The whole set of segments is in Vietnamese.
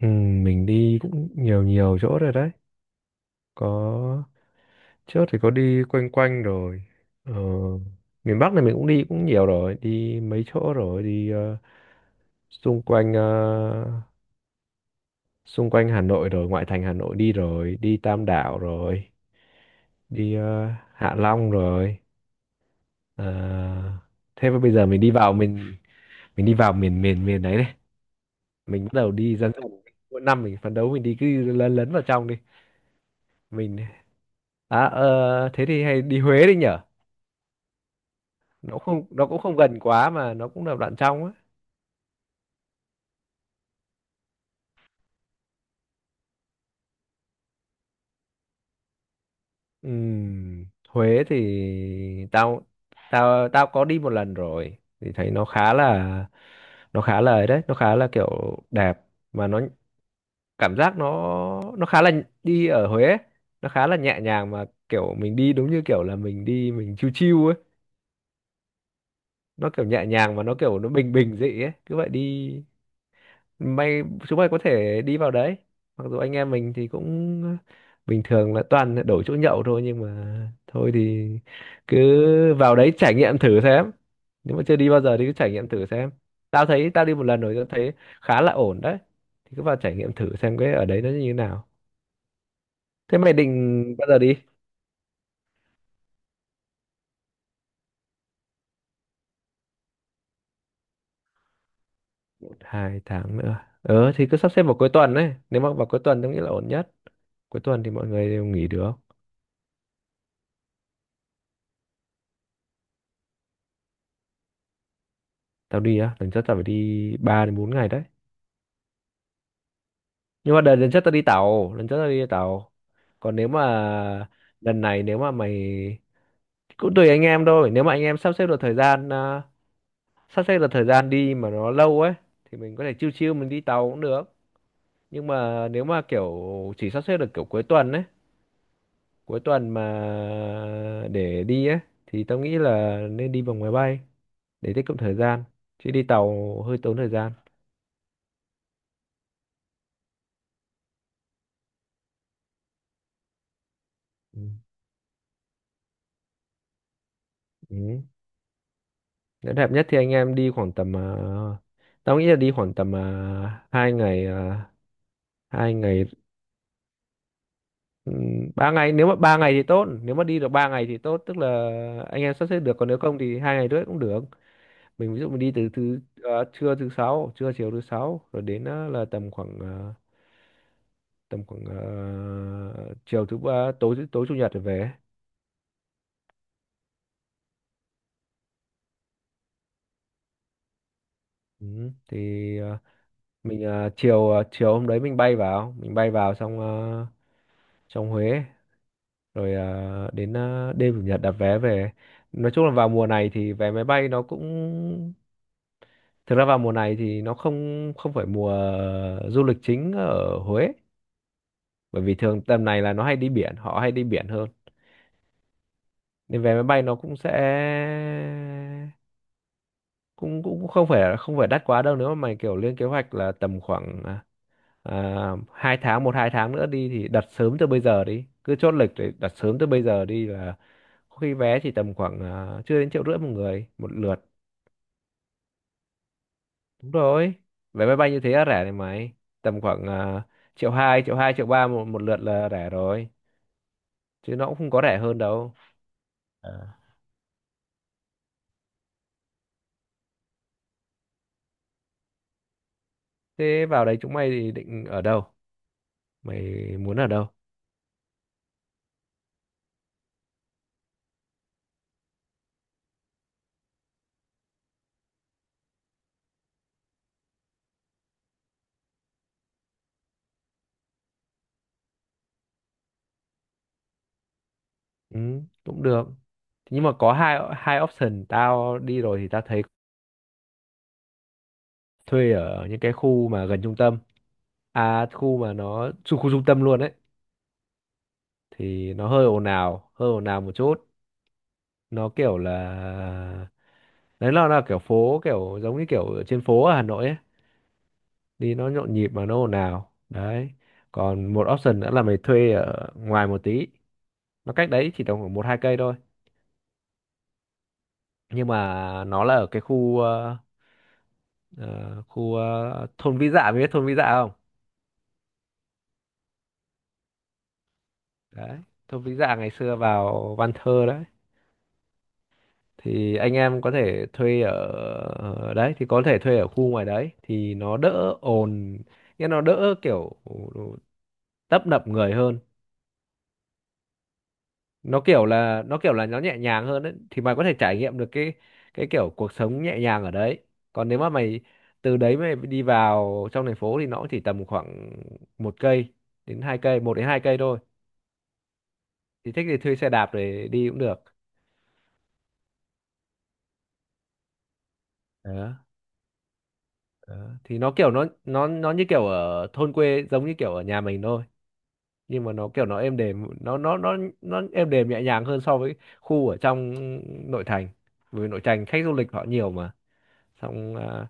Ừ, mình đi cũng nhiều nhiều chỗ rồi đấy. Có trước thì có đi quanh quanh rồi. Ờ, miền Bắc này mình cũng đi cũng nhiều rồi, đi mấy chỗ rồi, đi xung quanh xung quanh Hà Nội rồi, ngoại thành Hà Nội đi rồi, đi Tam Đảo rồi, đi Hạ Long rồi. Ờ, thế mà bây giờ mình đi vào mình đi vào miền miền miền đấy này. Mình bắt đầu đi dần dần. Mỗi năm mình phấn đấu mình đi cứ lấn lấn vào trong đi. Mình thế thì hay đi Huế đi nhở? Nó cũng không gần quá mà nó cũng là đoạn trong á. Huế thì tao tao tao có đi một lần rồi thì thấy nó khá là, ấy đấy, nó khá là kiểu đẹp, mà nó cảm giác nó khá là đi ở Huế ấy, nó khá là nhẹ nhàng mà kiểu mình đi đúng như kiểu là mình đi mình chill chill ấy. Nó kiểu nhẹ nhàng mà nó kiểu nó bình bình dị ấy, cứ vậy đi. May chúng mày có thể đi vào đấy, mặc dù anh em mình thì cũng bình thường là toàn đổi chỗ nhậu thôi, nhưng mà thôi thì cứ vào đấy trải nghiệm thử xem. Nếu mà chưa đi bao giờ thì cứ trải nghiệm thử xem. Tao thấy tao đi một lần rồi, tao thấy khá là ổn đấy, thì cứ vào trải nghiệm thử xem cái ở đấy nó như thế nào. Thế mày định bao giờ đi? Một hai tháng nữa, thì cứ sắp xếp vào cuối tuần đấy, nếu mà vào cuối tuần tao nghĩ là ổn nhất. Cuối tuần thì mọi người đều nghỉ được. Tao đi á, lần trước tao phải đi 3 đến 4 ngày đấy. Nhưng mà đợt lần trước tao đi tàu, còn nếu mà lần này nếu mà mày, cũng tùy anh em thôi, nếu mà anh em sắp xếp được thời gian, đi mà nó lâu ấy, thì mình có thể chill chill mình đi tàu cũng được. Nhưng mà nếu mà kiểu chỉ sắp xếp được kiểu cuối tuần ấy, cuối tuần mà để đi ấy, thì tao nghĩ là nên đi bằng máy bay để tiết kiệm thời gian, chứ đi tàu hơi tốn thời gian. Ừ. Ừ. Nếu đẹp nhất thì anh em đi khoảng tầm tao nghĩ là đi khoảng tầm 2 ngày, hai ngày 3 ngày. Nếu mà 3 ngày thì tốt, nếu mà đi được 3 ngày thì tốt, tức là anh em sắp xếp được, còn nếu không thì 2 ngày rưỡi cũng được. Mình ví dụ mình đi từ thứ trưa thứ sáu, chiều thứ sáu, rồi đến ờ, là tầm khoảng chiều thứ ba, tối tối chủ nhật rồi về. Ừ. Thì ờ, mình ờ, chiều hôm đấy mình bay vào, xong trong Huế, rồi đến đêm chủ nhật đặt vé về. Nói chung là vào mùa này thì vé máy bay nó cũng, thực ra vào mùa này thì nó không không phải mùa du lịch chính ở Huế, bởi vì thường tầm này là nó hay đi biển, họ hay đi biển hơn. Nên vé máy bay nó cũng sẽ, cũng cũng không phải đắt quá đâu, nếu mà mày kiểu lên kế hoạch là tầm khoảng hai tháng 1 2 tháng nữa đi, thì đặt sớm từ bây giờ đi, cứ chốt lịch để đặt sớm từ bây giờ đi là khi vé chỉ tầm khoảng chưa đến 1,5 triệu một người một lượt. Đúng rồi, vé máy bay như thế là rẻ này mày. Tầm khoảng 1,2 1,2 1,3 triệu, một một lượt là rẻ rồi, chứ nó cũng không có rẻ hơn đâu. Ờ. Thế vào đấy chúng mày thì định ở đâu, mày muốn ở đâu? Ừ, cũng được. Thế nhưng mà có hai hai option, tao đi rồi thì tao thấy thuê ở những cái khu mà gần trung tâm, à khu mà nó khu, khu trung tâm luôn ấy, thì nó hơi ồn ào, hơi ồn ào một chút. Nó kiểu là, đấy là kiểu phố, kiểu giống như kiểu ở trên phố ở Hà Nội ấy, đi nó nhộn nhịp mà nó ồn ào đấy. Còn một option nữa là mày thuê ở ngoài một tí, nó cách đấy chỉ tầm khoảng 1 2 cây thôi. Nhưng mà nó là ở cái khu thôn Vĩ Dạ, mày biết thôn Vĩ Dạ không? Đấy, thôn Vĩ Dạ ngày xưa vào văn thơ đấy. Thì anh em có thể thuê ở, ở đấy thì có thể thuê ở khu ngoài đấy thì nó đỡ ồn, nghĩa nó đỡ kiểu tấp nập người hơn. Nó kiểu là nó nhẹ nhàng hơn ấy, thì mày có thể trải nghiệm được cái kiểu cuộc sống nhẹ nhàng ở đấy. Còn nếu mà mày từ đấy mày đi vào trong thành phố thì nó chỉ tầm khoảng một cây đến hai cây 1 đến 2 cây thôi, thì thích thì thuê xe đạp để đi cũng được. Đó, đó. Thì nó kiểu nó như kiểu ở thôn quê, giống như kiểu ở nhà mình thôi, nhưng mà nó kiểu nó êm đềm, nó êm đềm nhẹ nhàng hơn so với khu ở trong nội thành, bởi vì nội thành khách du lịch họ nhiều mà. Xong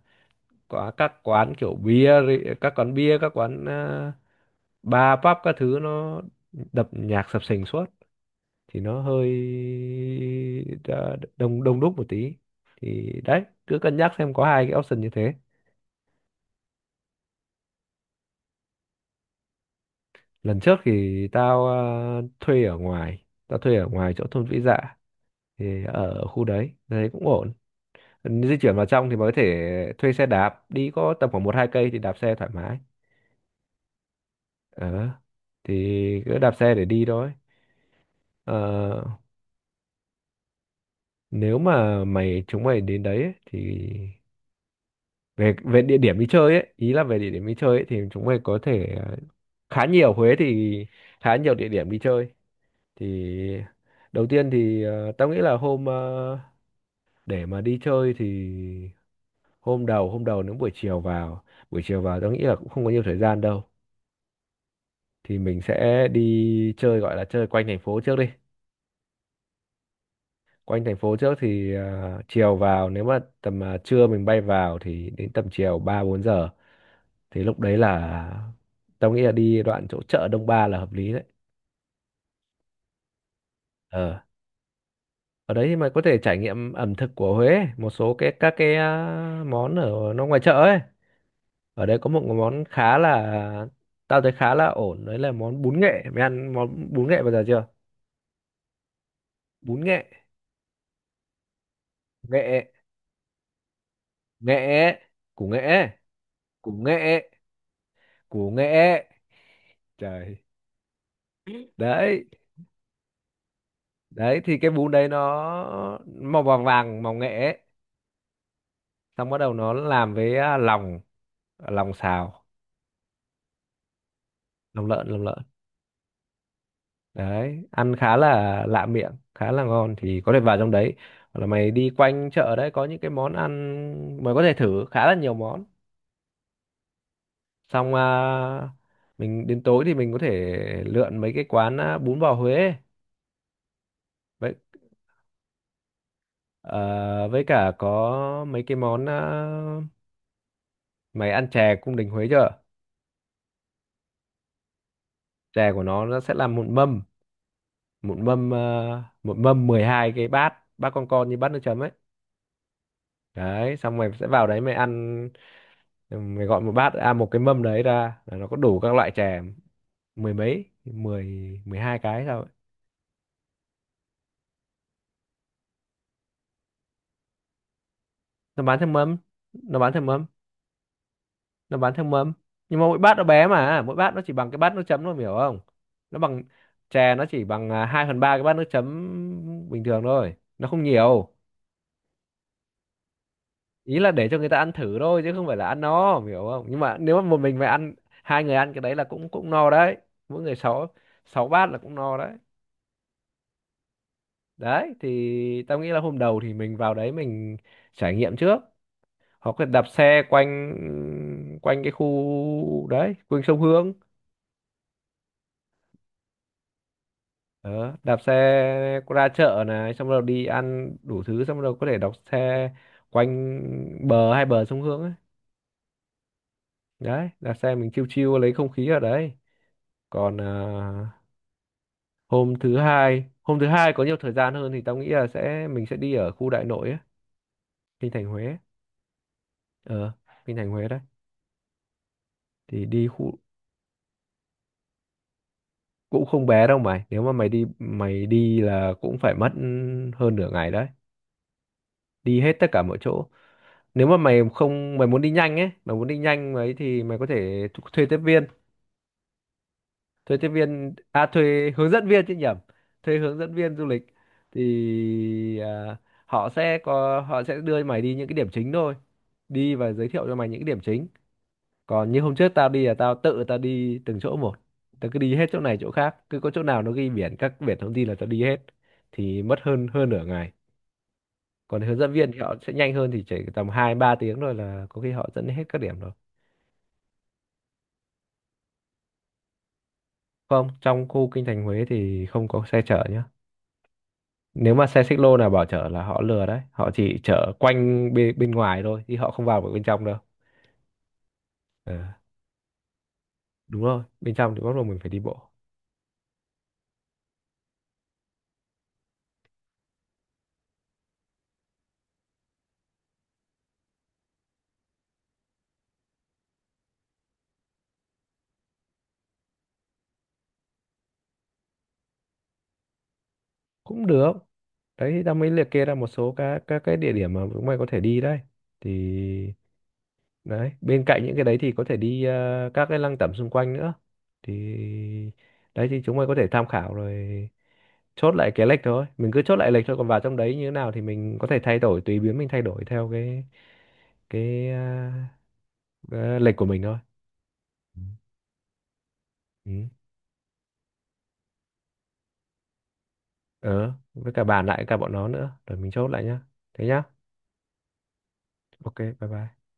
có các quán kiểu các quán bia, các quán bar pub các thứ, nó đập nhạc sập sình suốt, thì nó hơi đông đông đúc một tí. Thì đấy, cứ cân nhắc xem, có hai cái option như thế. Lần trước thì tao thuê ở ngoài, chỗ thôn Vĩ Dạ, thì ở khu đấy đấy cũng ổn. Di chuyển vào trong thì mới có thể thuê xe đạp đi, có tầm khoảng 1 2 cây thì đạp xe thoải mái. ờ thì cứ đạp xe để đi thôi. Ờ, nếu mà chúng mày đến đấy ấy, thì về, về địa điểm đi chơi ấy, ý là về địa điểm đi chơi ấy, thì chúng mày có thể khá nhiều. Huế thì khá nhiều địa điểm đi chơi. Thì đầu tiên thì tao nghĩ là để mà đi chơi thì hôm đầu, nếu buổi chiều vào, tao nghĩ là cũng không có nhiều thời gian đâu, thì mình sẽ đi chơi, gọi là chơi quanh thành phố trước đi. Quanh thành phố trước thì chiều vào, nếu mà tầm trưa mình bay vào thì đến tầm chiều 3 4 giờ, thì lúc đấy là tao nghĩ là đi đoạn chỗ chợ Đông Ba là hợp lý đấy. Ờ. Ở đấy thì mày có thể trải nghiệm ẩm thực của Huế, một số cái các cái món ở nó ngoài chợ ấy. Ở đây có một món khá là, ổn đấy, là món bún nghệ. Mày ăn món bún nghệ bao giờ chưa? Bún nghệ, nghệ, nghệ, củ nghệ, củ nghệ, củ nghệ. Trời. Đấy, đấy thì cái bún đấy nó màu vàng vàng, màu nghệ ấy. Xong bắt đầu nó làm với lòng, lòng xào, lòng lợn, lòng lợn. Đấy, ăn khá là lạ miệng, khá là ngon, thì có thể vào trong đấy, hoặc là mày đi quanh chợ đấy có những cái món ăn mày có thể thử khá là nhiều món. Xong mình đến tối thì mình có thể lượn mấy cái quán bún bò Huế ấy. Với ờ, với cả có mấy cái món mày ăn chè cung đình Huế chưa? Chè của nó sẽ là một mâm, một mâm 12 cái bát, con như bát nước chấm ấy. Đấy, xong mày sẽ vào đấy mày ăn. Ừ, mày gọi một bát, à, một cái mâm đấy ra là nó có đủ các loại chè, 10 mấy, mười 12 cái sao ấy. Nó bán theo mâm, nó bán theo mâm, nó bán theo mâm, nhưng mà mỗi bát nó bé, mà mỗi bát nó chỉ bằng cái bát nước chấm thôi, mày hiểu không? Nó bằng, chè nó chỉ bằng 2/3 cái bát nước chấm bình thường thôi, nó không nhiều. Ý là để cho người ta ăn thử thôi, chứ không phải là ăn no, em hiểu không? Nhưng mà nếu mà một mình mà ăn, hai người ăn cái đấy là cũng cũng no đấy. Mỗi người sáu 6 bát là cũng no đấy. Đấy thì tao nghĩ là hôm đầu thì mình vào đấy mình trải nghiệm trước, hoặc là đạp xe quanh, quanh cái khu đấy, quanh sông Hương. Ờ, đạp xe ra chợ này, xong rồi đi ăn đủ thứ, xong rồi có thể đạp xe quanh hai bờ sông Hương ấy. Đấy, đạp xe mình chiêu chiêu lấy không khí ở đấy. Còn hôm thứ hai, có nhiều thời gian hơn thì tao nghĩ là mình sẽ đi ở khu đại nội ấy, kinh thành Huế. ờ kinh thành Huế đấy. Thì đi khu cũng không bé đâu mày, nếu mà mày đi, là cũng phải mất hơn nửa ngày đấy, đi hết tất cả mọi chỗ. Nếu mà mày không mày muốn đi nhanh ấy, thì mày có thể thuê tiếp viên, thuê hướng dẫn viên chứ nhầm, thuê hướng dẫn viên du lịch. Thì họ sẽ đưa mày đi những cái điểm chính thôi, đi và giới thiệu cho mày những cái điểm chính. Còn như hôm trước tao đi là tao tự, tao đi từng chỗ một, tao cứ đi hết chỗ này chỗ khác, cứ có chỗ nào nó ghi biển, biển thông tin là tao đi hết, thì mất hơn hơn nửa ngày. Còn hướng dẫn viên thì họ sẽ nhanh hơn, thì chỉ tầm 2 3 tiếng rồi là có khi họ dẫn hết các điểm rồi. Không, trong khu kinh thành Huế thì không có xe chở nhá. Nếu mà xe xích lô nào bảo chở là họ lừa đấy, họ chỉ chở quanh bên bên ngoài thôi, chứ họ không vào được bên trong đâu. Ờ, đúng rồi, bên trong thì bắt buộc mình phải đi bộ. Cũng được. Đấy thì ta mới liệt kê ra một số các cái địa điểm mà chúng mày có thể đi đấy. Thì đấy, bên cạnh những cái đấy thì có thể đi các cái lăng tẩm xung quanh nữa. Thì đấy thì chúng mày có thể tham khảo rồi, chốt lại cái lịch thôi, mình cứ chốt lại lịch thôi, còn vào trong đấy như thế nào thì mình có thể thay đổi, tùy biến mình thay đổi theo cái cái ờ, đấy, lịch của mình thôi. Ừ. Ừ. Ờ, với cả bàn lại cả bọn nó nữa rồi mình chốt lại nhá, thế nhá. OK bye bye.